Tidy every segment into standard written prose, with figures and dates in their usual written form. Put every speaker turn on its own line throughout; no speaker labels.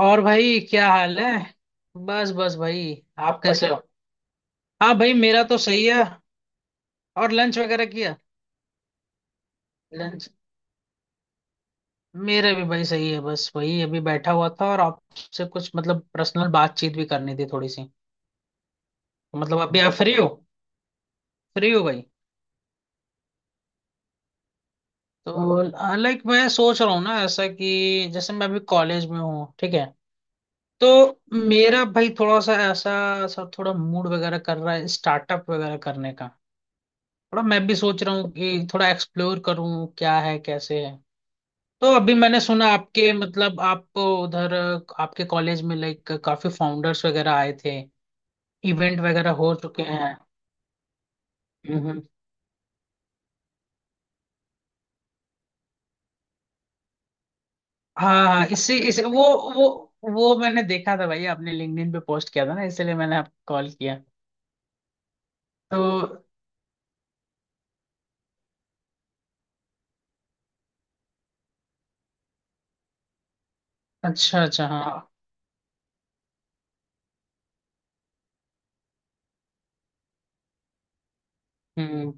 और भाई क्या हाल है? बस बस भाई। आप कैसे हो? हाँ भाई, मेरा तो सही है। और लंच वगैरह किया? लंच। मेरा भी भाई सही है, बस वही अभी बैठा हुआ था और आपसे कुछ मतलब पर्सनल बातचीत भी करनी थी थोड़ी सी। तो मतलब अभी आप फ्री हो? फ्री हो भाई? तो लाइक मैं सोच रहा हूँ ना, ऐसा कि जैसे मैं अभी कॉलेज में हूँ, ठीक है? तो मेरा भाई थोड़ा सा ऐसा सब थोड़ा मूड वगैरह कर रहा है स्टार्टअप वगैरह करने का। थोड़ा मैं भी सोच रहा हूँ कि थोड़ा एक्सप्लोर करूँ क्या है कैसे है। तो अभी मैंने सुना आपके मतलब, आप उधर आपके कॉलेज में लाइक काफी फाउंडर्स वगैरह आए थे, इवेंट वगैरह हो चुके हैं। हम्म। हाँ हाँ, इससे इस वो, वो वो मैंने देखा था भाई, आपने लिंक्डइन पे पोस्ट किया था ना, इसलिए मैंने आपको कॉल किया। तो अच्छा अच्छा, हाँ। हम्म।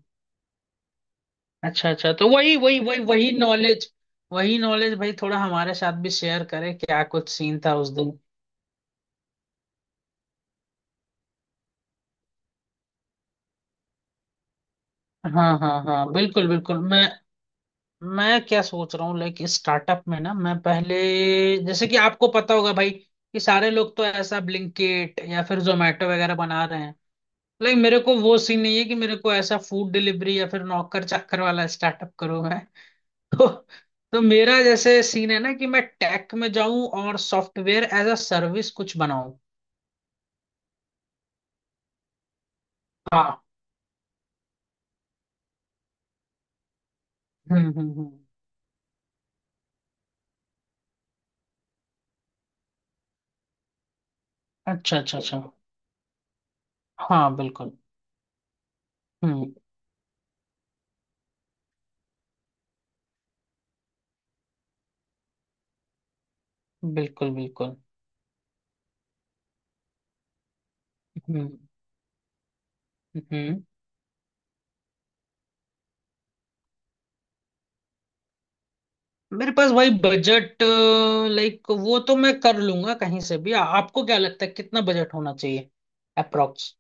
अच्छा अच्छा, तो वही वही वही वही नॉलेज, वही नॉलेज भाई थोड़ा हमारे साथ भी शेयर करें, क्या कुछ सीन था उस दिन? हाँ हाँ हाँ, बिल्कुल बिल्कुल, मैं क्या सोच रहा हूँ लाइक स्टार्टअप में ना, मैं पहले, जैसे कि आपको पता होगा भाई, कि सारे लोग तो ऐसा ब्लिंकिट या फिर जोमेटो वगैरह बना रहे हैं। लाइक मेरे को वो सीन नहीं है कि मेरे को ऐसा फूड डिलीवरी या फिर नौकर चाकर वाला स्टार्टअप करूँ मैं तो तो मेरा जैसे सीन है ना कि मैं टेक में जाऊं और सॉफ्टवेयर एज अ सर्विस कुछ बनाऊं। हाँ। हम्म। अच्छा अच्छा अच्छा, हाँ। बिल्कुल। हम्म। बिल्कुल बिल्कुल। हम्म हम्म। मेरे पास भाई बजट, लाइक वो तो मैं कर लूंगा कहीं से भी। आपको क्या लगता है कितना बजट होना चाहिए? अप्रोक्स।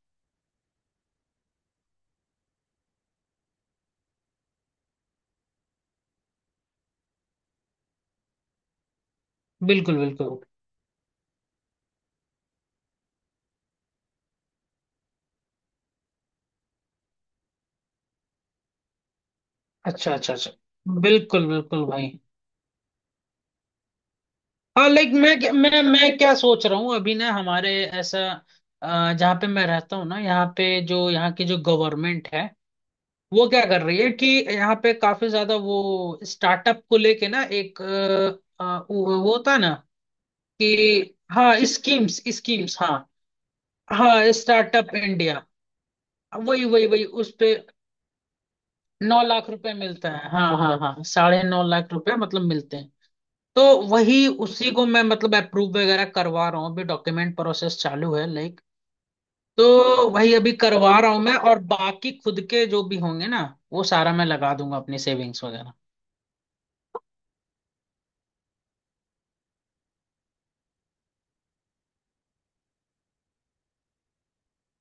बिल्कुल बिल्कुल। अच्छा अच्छा अच्छा। बिल्कुल बिल्कुल भाई। हाँ लाइक मैं क्या सोच रहा हूँ अभी ना हमारे, ऐसा जहाँ पे मैं रहता हूँ ना, यहाँ पे जो यहाँ की जो गवर्नमेंट है वो क्या कर रही है कि यहाँ पे काफी ज्यादा वो स्टार्टअप को लेके ना एक वो होता है ना? कि हाँ, स्कीम्स स्कीम्स, हाँ। हाँ, स्टार्टअप इंडिया। वही वही वही उस पे 9 लाख रुपए मिलता है, हाँ हाँ हाँ, 9.5 लाख रुपए मतलब मिलते हैं। तो वही उसी को मैं मतलब अप्रूव वगैरह करवा रहा हूँ, अभी डॉक्यूमेंट प्रोसेस चालू है, लाइक। तो वही अभी करवा रहा हूँ मैं, और बाकी खुद के जो भी होंगे ना, वो सारा मैं लगा दूंगा अपनी सेविंग्स वगैरह।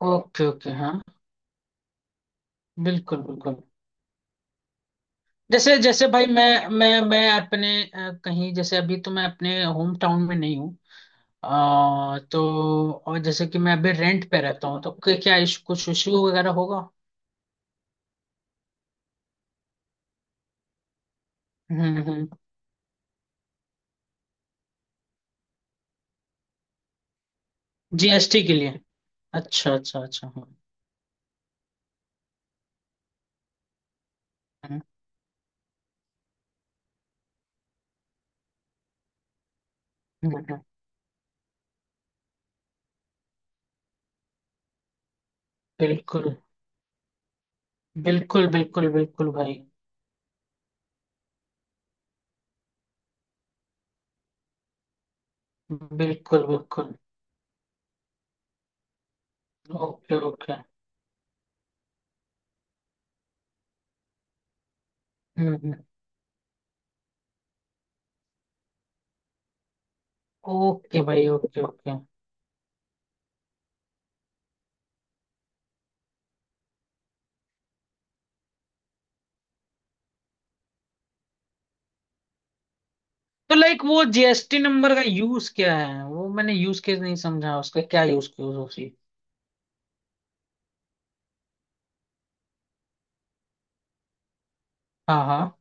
ओके ओके, हाँ। बिल्कुल बिल्कुल। जैसे जैसे भाई मैं अपने कहीं जैसे, अभी तो मैं अपने होम टाउन में नहीं हूँ। तो और जैसे कि मैं अभी रेंट पे रहता हूँ तो क्या क्या इशू, कुछ इशू वगैरह होगा? हम्म। जीएसटी के लिए। अच्छा अच्छा अच्छा, हाँ। हम्म। हम्म। बिल्कुल। बिल्कुल बिल्कुल बिल्कुल भाई। बिल्कुल बिल्कुल। Okay okay. हम्म। ओके भाई, ओके ओके। तो लाइक वो जीएसटी नंबर का यूज क्या है? वो मैंने यूज केस नहीं समझा, उसका क्या यूज केस होती? हाँ हाँ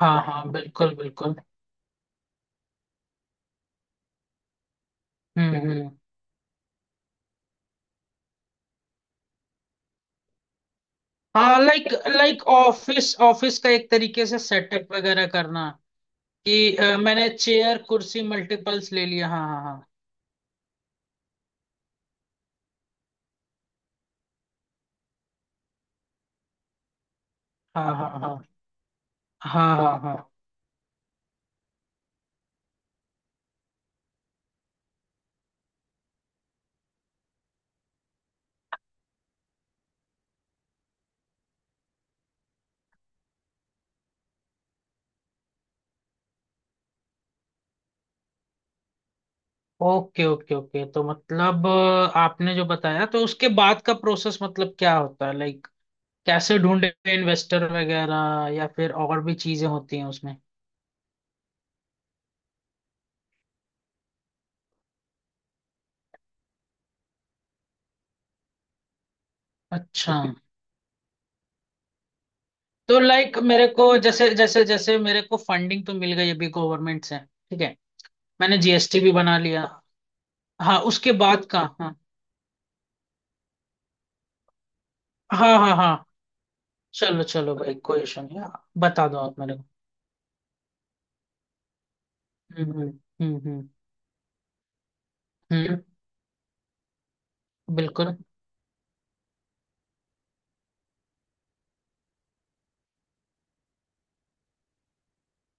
हाँ हाँ, बिल्कुल बिल्कुल। हम्म। हम्म। हाँ लाइक, ऑफिस ऑफिस का एक तरीके से सेटअप वगैरह करना, कि मैंने चेयर कुर्सी मल्टीपल्स ले लिया, हाँ। हाँ हाँ हाँ हाँ। हाँ हाँ हाँ हाँ हाँ। ओके ओके ओके, तो मतलब आपने जो बताया तो उसके बाद का प्रोसेस मतलब क्या होता है लाइक? कैसे ढूंढे इन्वेस्टर वगैरह, या फिर और भी चीजें होती हैं उसमें? अच्छा। तो लाइक मेरे को जैसे जैसे जैसे मेरे को फंडिंग तो मिल गई अभी गवर्नमेंट से, ठीक है? मैंने जीएसटी भी बना लिया। हाँ, उसके बाद का, हाँ। हाँ हाँ हाँ। चलो चलो भाई, कोई इशू नहीं। हाँ, बता दो आप मेरे को। हम्म। हम्म। बिल्कुल।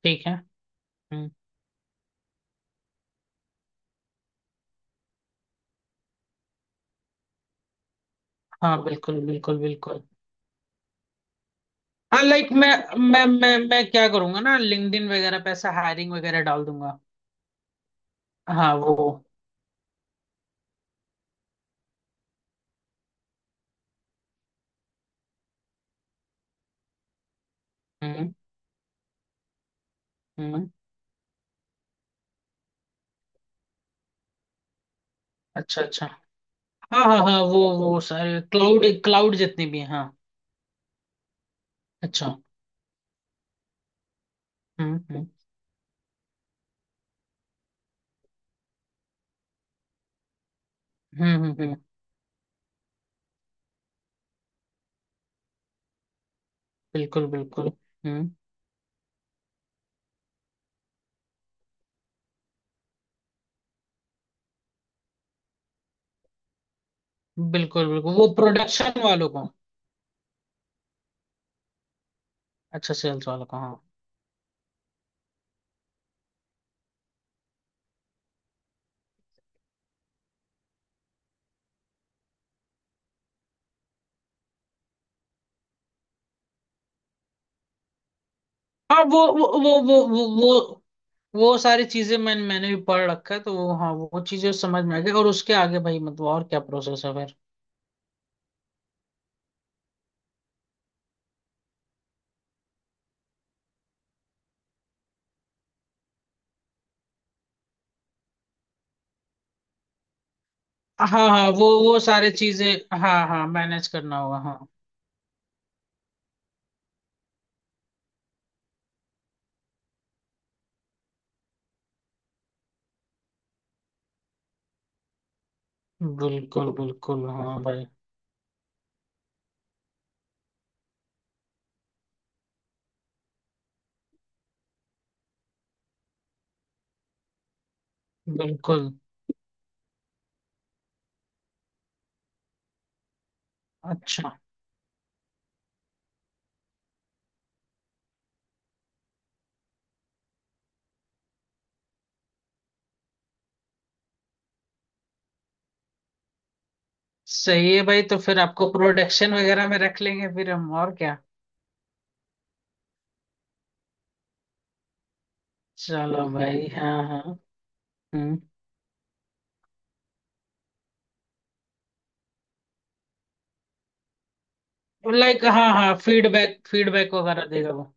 ठीक है। हम्म। हाँ बिल्कुल बिल्कुल बिल्कुल। हाँ लाइक मैं, मैं क्या करूंगा ना लिंक्डइन वगैरह पे ऐसा हायरिंग वगैरह डाल दूंगा। हाँ वो। हम्म। हम्म। अच्छा अच्छा। हाँ हाँ हाँ वो सारे क्लाउड क्लाउड जितने भी हैं, हाँ। अच्छा। हम्म हम्म हम्म। हम्म। बिल्कुल बिल्कुल। हम्म। बिल्कुल बिल्कुल वो प्रोडक्शन वालों को। अच्छा, सेल्स वालों को, हाँ। हाँ वो वो सारी चीजें मैंने मैंने भी पढ़ रखा है तो वो, हाँ वो चीजें समझ में आ गई। और उसके आगे भाई मतलब और क्या प्रोसेस है फिर? हाँ हाँ वो सारी चीजें, हाँ हाँ मैनेज करना होगा, हाँ। बिल्कुल बिल्कुल, हाँ भाई। बिल्कुल। अच्छा। सही है भाई, तो फिर आपको प्रोडक्शन वगैरह में रख लेंगे फिर हम, और क्या? चलो भाई, हाँ हाँ। हम्म। लाइक हाँ हाँ, फीडबैक फीडबैक वगैरह देगा वो।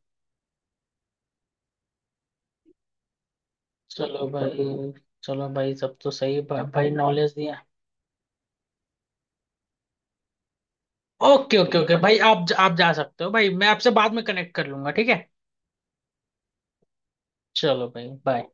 चलो भाई। चलो भाई सब तो सही, भाई नॉलेज दिया। ओके ओके ओके भाई, आप जा सकते हो भाई, मैं आपसे बाद में कनेक्ट कर लूंगा, ठीक है? चलो भाई, बाय।